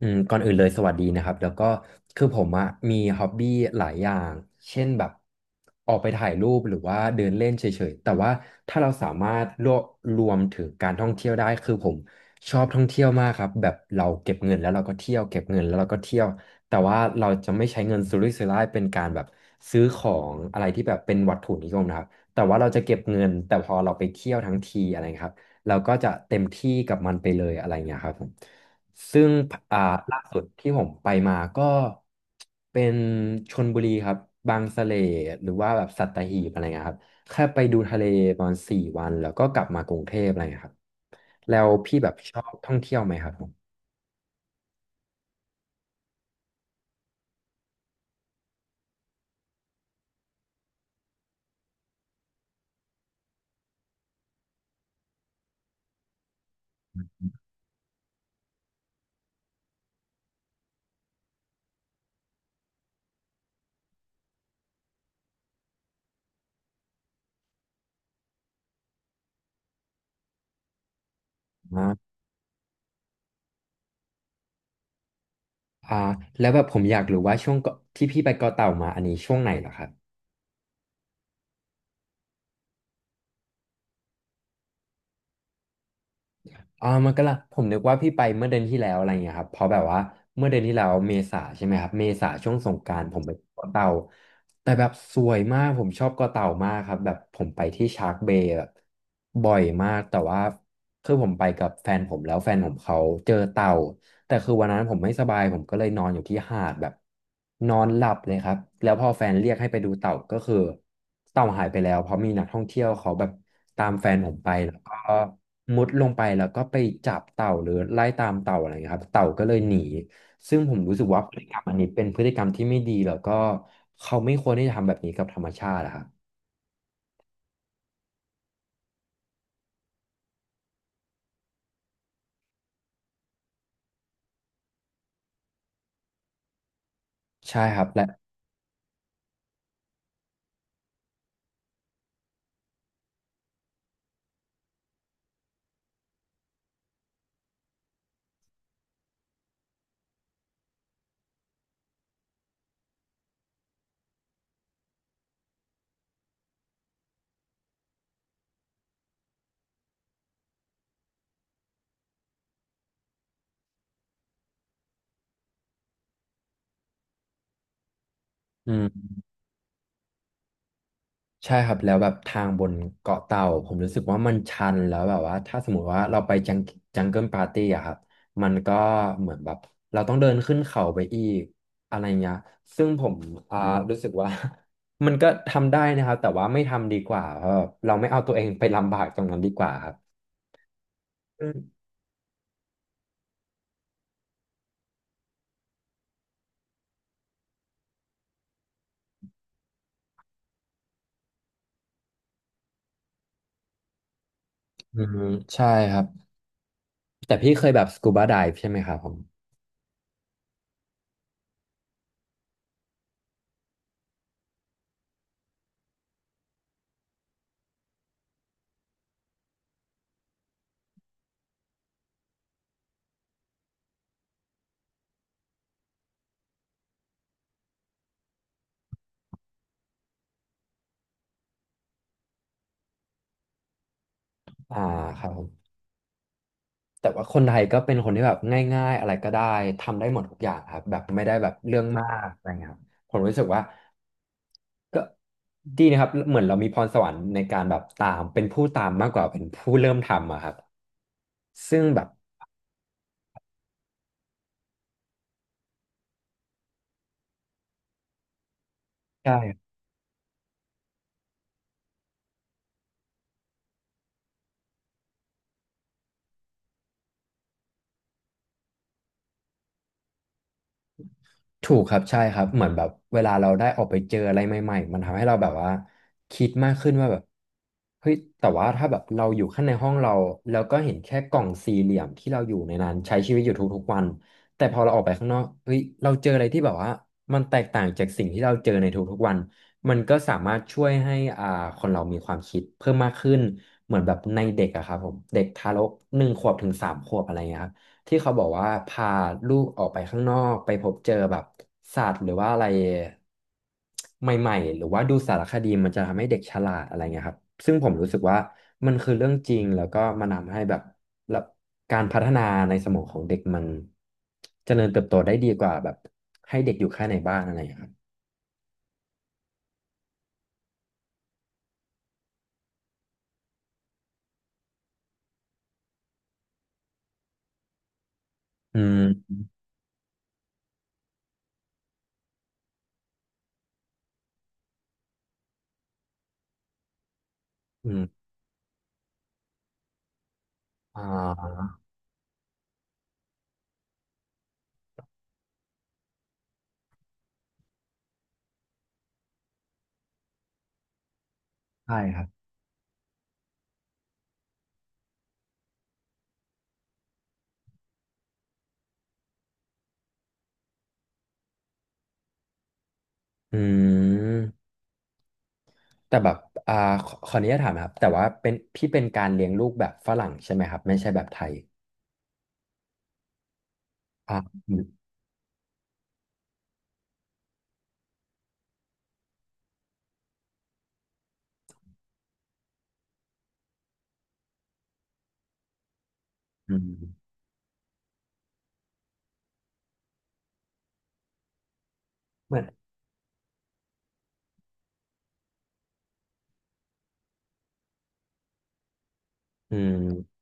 อืมก่อนอื่นเลยสวัสดีนะครับแล้วก็คือผมอะมีฮ็อบบี้หลายอย่างเช่นแบบออกไปถ่ายรูปหรือว่าเดินเล่นเฉยๆแต่ว่าถ้าเราสามารถรวบรวมถึงการท่องเที่ยวได้คือผมชอบท่องเที่ยวมากครับแบบเราเก็บเงินแล้วเราก็เที่ยวเก็บเงินแล้วเราก็เที่ยวแต่ว่าเราจะไม่ใช้เงินสุรุ่ยสุร่ายเป็นการแบบซื้อของอะไรที่แบบเป็นวัตถุนิยมนะครับแต่ว่าเราจะเก็บเงินแต่พอเราไปเที่ยวทั้งทีอะไรเงี้ยครับเราก็จะเต็มที่กับมันไปเลยอะไรเงี้ยครับผม ซึ่งอ่าล่าสุดที่ผมไปมาก็เป็นชลบุรีครับ บางสะเลหรือว่าแบบสัตหีบอะไรเงี้ยครับ แค่ไปดูทะเลประมาณ4 วันแล้วก็กลับมากรุงเทพอะไรเงี้ยครับแล้วพี่แบบชอบท่องเที่ยวไหมครับผมอ่าอ่าแล้วแบบผมอยากรู้ว่าช่วงเกาะที่พี่ไปเกาะเต่ามาอันนี้ช่วงไหนเหรอครับ อ่ามันก็ละผมนึกว่าพี่ไปเมื่อเดือนที่แล้วอะไรเงี้ยครับเพราะแบบว่าเมื่อเดือนที่แล้วเมษาใช่ไหมครับเมษาช่วงสงกรานต์ผมไปเกาะเต่าแต่แบบสวยมากผมชอบเกาะเต่ามากครับแบบผมไปที่ชาร์กเบย์แบบบ่อยมากแต่ว่าคือผมไปกับแฟนผมแล้วแฟนผมเขาเจอเต่าแต่คือวันนั้นผมไม่สบายผมก็เลยนอนอยู่ที่หาดแบบนอนหลับเลยครับแล้วพอแฟนเรียกให้ไปดูเต่าก็คือเต่าหายไปแล้วเพราะมีนักท่องเที่ยวเขาแบบตามแฟนผมไปแล้วก็ มุดลงไปแล้วก็ไปจับเต่าหรือไล่ตามเต่าอะไรเงี้ยครับเต่าก็เลยหนีซึ่งผมรู้สึกว่าพฤติกรรมอันนี้เป็นพฤติกรรมที่ไม่ดีแล้วก็เขาไม่ควรที่จะทำแบบนี้กับธรรมชาติอะครับใช่ครับและอืม ใช่ครับแล้วแบบทางบนเกาะเต่าผมรู้สึกว่ามันชันแล้วแบบว่าถ้าสมมติว่าเราไปจังเกิลปาร์ตี้อะครับมันก็เหมือนแบบเราต้องเดินขึ้นเขาไปอีกอะไรเงี้ยซึ่งผมอ่ารู้สึกว่า มันก็ทำได้นะครับแต่ว่าไม่ทำดีกว่าเพราะแบบเราไม่เอาตัวเองไปลำบากตรงนั้นดีกว่าครับอืมอืมใช่ครับแต่พี่เคยแบบสกูบาไดฟ์ใช่ไหมครับผมอ่าครับผม แต่ว่าคนไทยก็เป็นคนที่แบบง่ายๆอะไรก็ได้ทำได้หมดทุกอย่างครับแบบไม่ได้แบบเรื่องมากอะไรเงี้ยครับผมรู้สึกว่าก็ดีนะครับเหมือนเรามีพรสวรรค์ในการแบบตามเป็นผู้ตามมากกว่าเป็นผู้เริ่มทำอะครับซึ่งแบบใช่ ถูกครับใช่ครับเหมือนแบบเวลาเราได้ออกไปเจออะไรใหม่ๆมันทำให้เราแบบว่าคิดมากขึ้นว่าแบบเฮ้ยแต่ว่าถ้าแบบเราอยู่ข้างในห้องเราแล้วก็เห็นแค่กล่องสี่เหลี่ยมที่เราอยู่ในนั้นใช้ชีวิตอยู่ทุกๆวันแต่พอเราออกไปข้างนอกเฮ้ยเราเจออะไรที่แบบว่ามันแตกต่างจากสิ่งที่เราเจอในทุกๆวันมันก็สามารถช่วยให้อ่าคนเรามีความคิดเพิ่มมากขึ้นเหมือนแบบในเด็กอะครับผมเด็กทารก1 ขวบถึง3 ขวบอะไรเงี้ยครับ ที่เขาบอกว่าพาลูกออกไปข้างนอกไปพบเจอแบบสัตว์หรือว่าอะไรใหม่ๆหรือว่าดูสารคดีมันจะทำให้เด็กฉลาดอะไรเงี้ยครับซึ่งผมรู้สึกว่ามันคือเรื่องจริงแล้วก็มันทำให้แบบแล้วการพัฒนาในสมองของเด็กมันเจริญเติบโตได้ดีกว่าแบบให้เด็กอยู่แค่ในบ้านอะไรอย่างเงี้ยครับอืมอืมอ่าใช่ครับอืมแต่แบบอ่าขออนุญาตถามนะครับแต่ว่าเป็นพี่เป็นการเลี้ยงลูกแบบฝรั่งใช่ไหมครับไม่ใช่แบบไทย ครับอืมอืมเหมือนอืม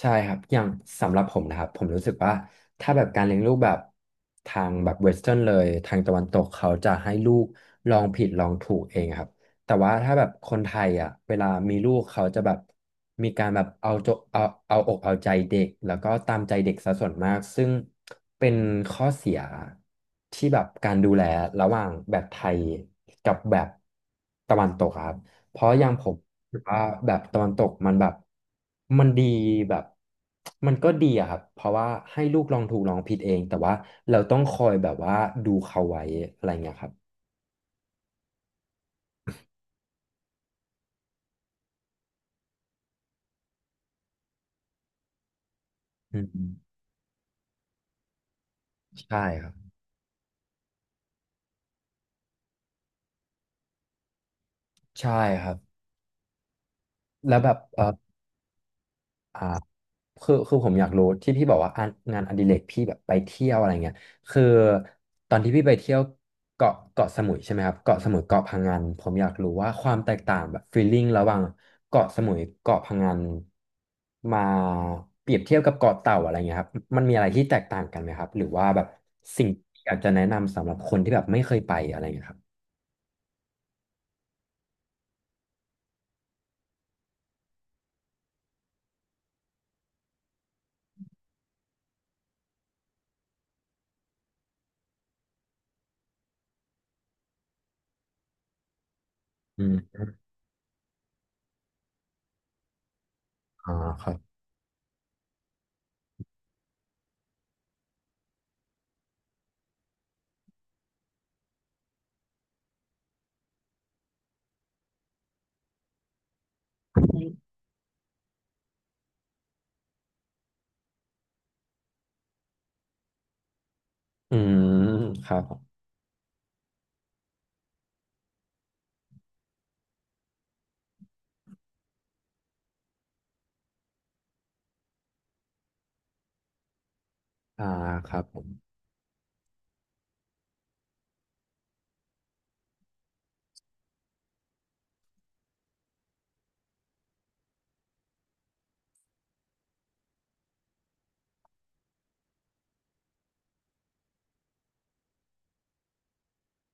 ใช่ครับอย่างสำหรับผมนะครับผมรู้สึกว่าถ้าแบบการเลี้ยงลูกแบบทางแบบเวสเทิร์นเลย ทางตะวันตกเขาจะให้ลูกลองผิดลองถูกเองครับแต่ว่าถ้าแบบคนไทยอ่ะเวลามีลูกเขาจะแบบมีการแบบเอาอกเอาใจเด็กแล้วก็ตามใจเด็กซะส่วนมาก ซึ่งเป็นข้อเสียที่แบบการดูแลระหว่างแบบไทยกับแบบตะวันตกอะครับเพราะอย่างผม หรือว่าแบบตะวันตกมันแบบมันดีแบบมันก็ดีอะครับเพราะว่าให้ลูกลองถูกลองผิดเองแต่ว่าเราต้องคอยแบบว่าดูเขาไว้อะไรเงี้ยครับอืมใช่ครับใช่ครับแล้วแบบอ่า คือผมอยากรู้ที่พี่บอกว่างานอดิเรกพี่แบบไปเที่ยวอะไรเงี้ยคือตอนที่พี่ไปเที่ยวเกาะสมุยใช่ไหมครับเกาะสมุยเกาะพังงานผมอยากรู้ว่าความแตกต่างแบบฟีลลิ่งระหว่างเกาะสมุยเกาะพังงานมาเปรียบเทียบกับเกาะเต่าอะไรเงี้ยครับมันมีอะไรที่แตกต่างกันไหมครับหรือว่าแบบสิ่งที่อยากจะแนะนำสำหรับคนที่แบบไม่เคยไปอะไรเงี้ยครับอืมอ่าครับอืมครับผมอ่าครับผม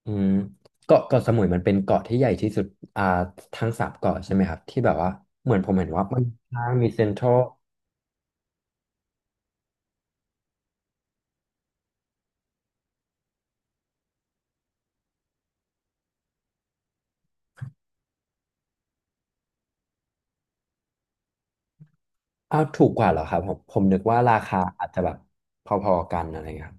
อืมเกาะสมุยมันเป็นเกาะที่ใหญ่ที่สุดอ่าทั้งสามเกาะใช่ไหมครับที่แบบว่าเหมือนผมเห็นว่ามันค่างมีเซ็นทรัลอ้าวถูกกว่าเหรอครับผมนึกว่าราคาอาจจะแบบพอๆกันอะไรเงี้ยครับ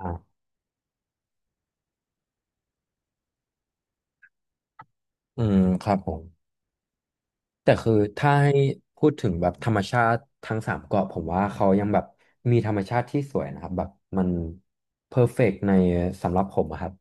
อ่าอืมครับผมแต่คือถ้าให้พูดถึงแบบธรรมชาติทั้งสามเกาะผมว่าเขายังแบบมีธรรมชาติที่สวยนะครับแบบมันเพอร์เฟกต์ในสำหรับผมอะครับ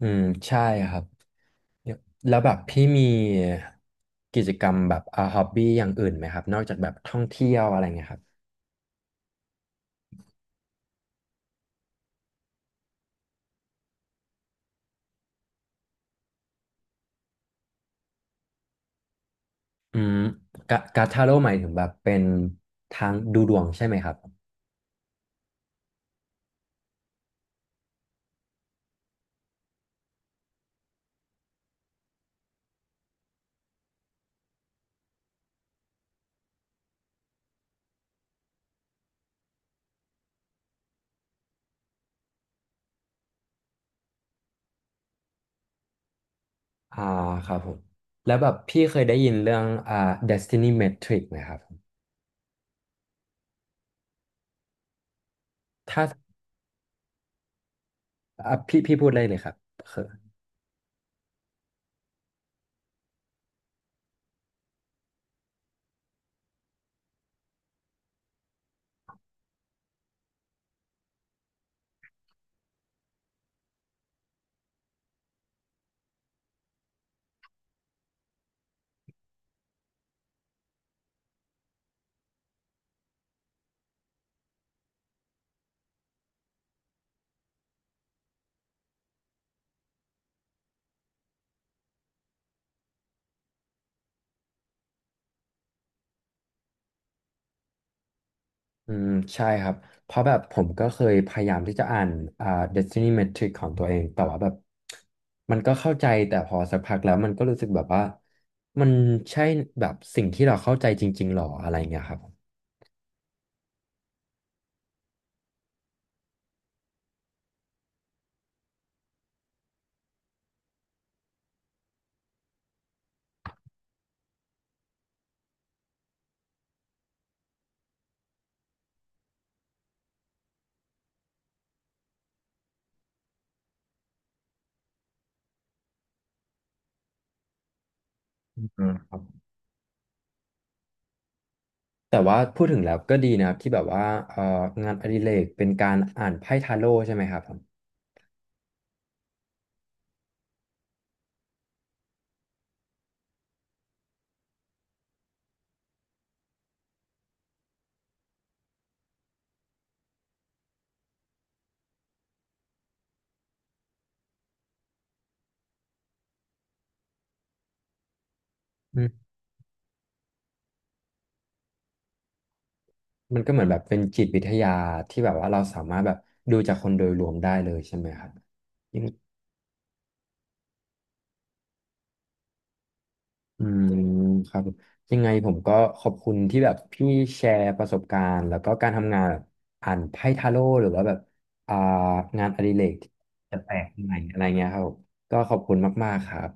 อืมใช่ครับ เนี่ยแล้วแบบพี่มีกิจกรรมแบบฮอบบี้อย่างอื่นไหมครับนอกจากแบบท่องเที่ยวอะไรเงี้ยครับอืมการ์ดทาโร่หมายถึงแบบเป็นทางดูดวงใช่ไหมครับอ่าครับผมแล้วแบบพี่เคยได้ยินเรื่องDestiny Matrix ไหมครับถ้าอ่ะพี่พูดได้เลยครับ อืมใช่ครับเพราะแบบผมก็เคยพยายามที่จะอ่านอ่า Destiny Metric ของตัวเองแต่ว่าแบบมันก็เข้าใจแต่พอสักพักแล้วมันก็รู้สึกแบบว่ามันใช่แบบสิ่งที่เราเข้าใจจริงๆหรออะไรเงี้ยครับอืมครับแต่ว่าพูดถึงแล้วก็ดีนะครับที่แบบว่าเอ่องานอดิเรกเป็นการอ่านไพ่ทาโร่ใช่ไหมครับผมอืมมันก็เหมือนแบบเป็นจิตวิทยาที่แบบว่าเราสามารถแบบดูจากคนโดยรวมได้เลยใช่ไหมครับ อืมครับผมยังไงผมก็ขอบคุณที่แบบพี่แชร์ประสบการณ์แล้วก็การทำงานแบบอ่านไพ่ทาโร่หรือว่าแบบอ่างานอดิเรกที่แปลกๆใหม่อะไรเงี้ยครับผมก็ขอบคุณมากๆครับ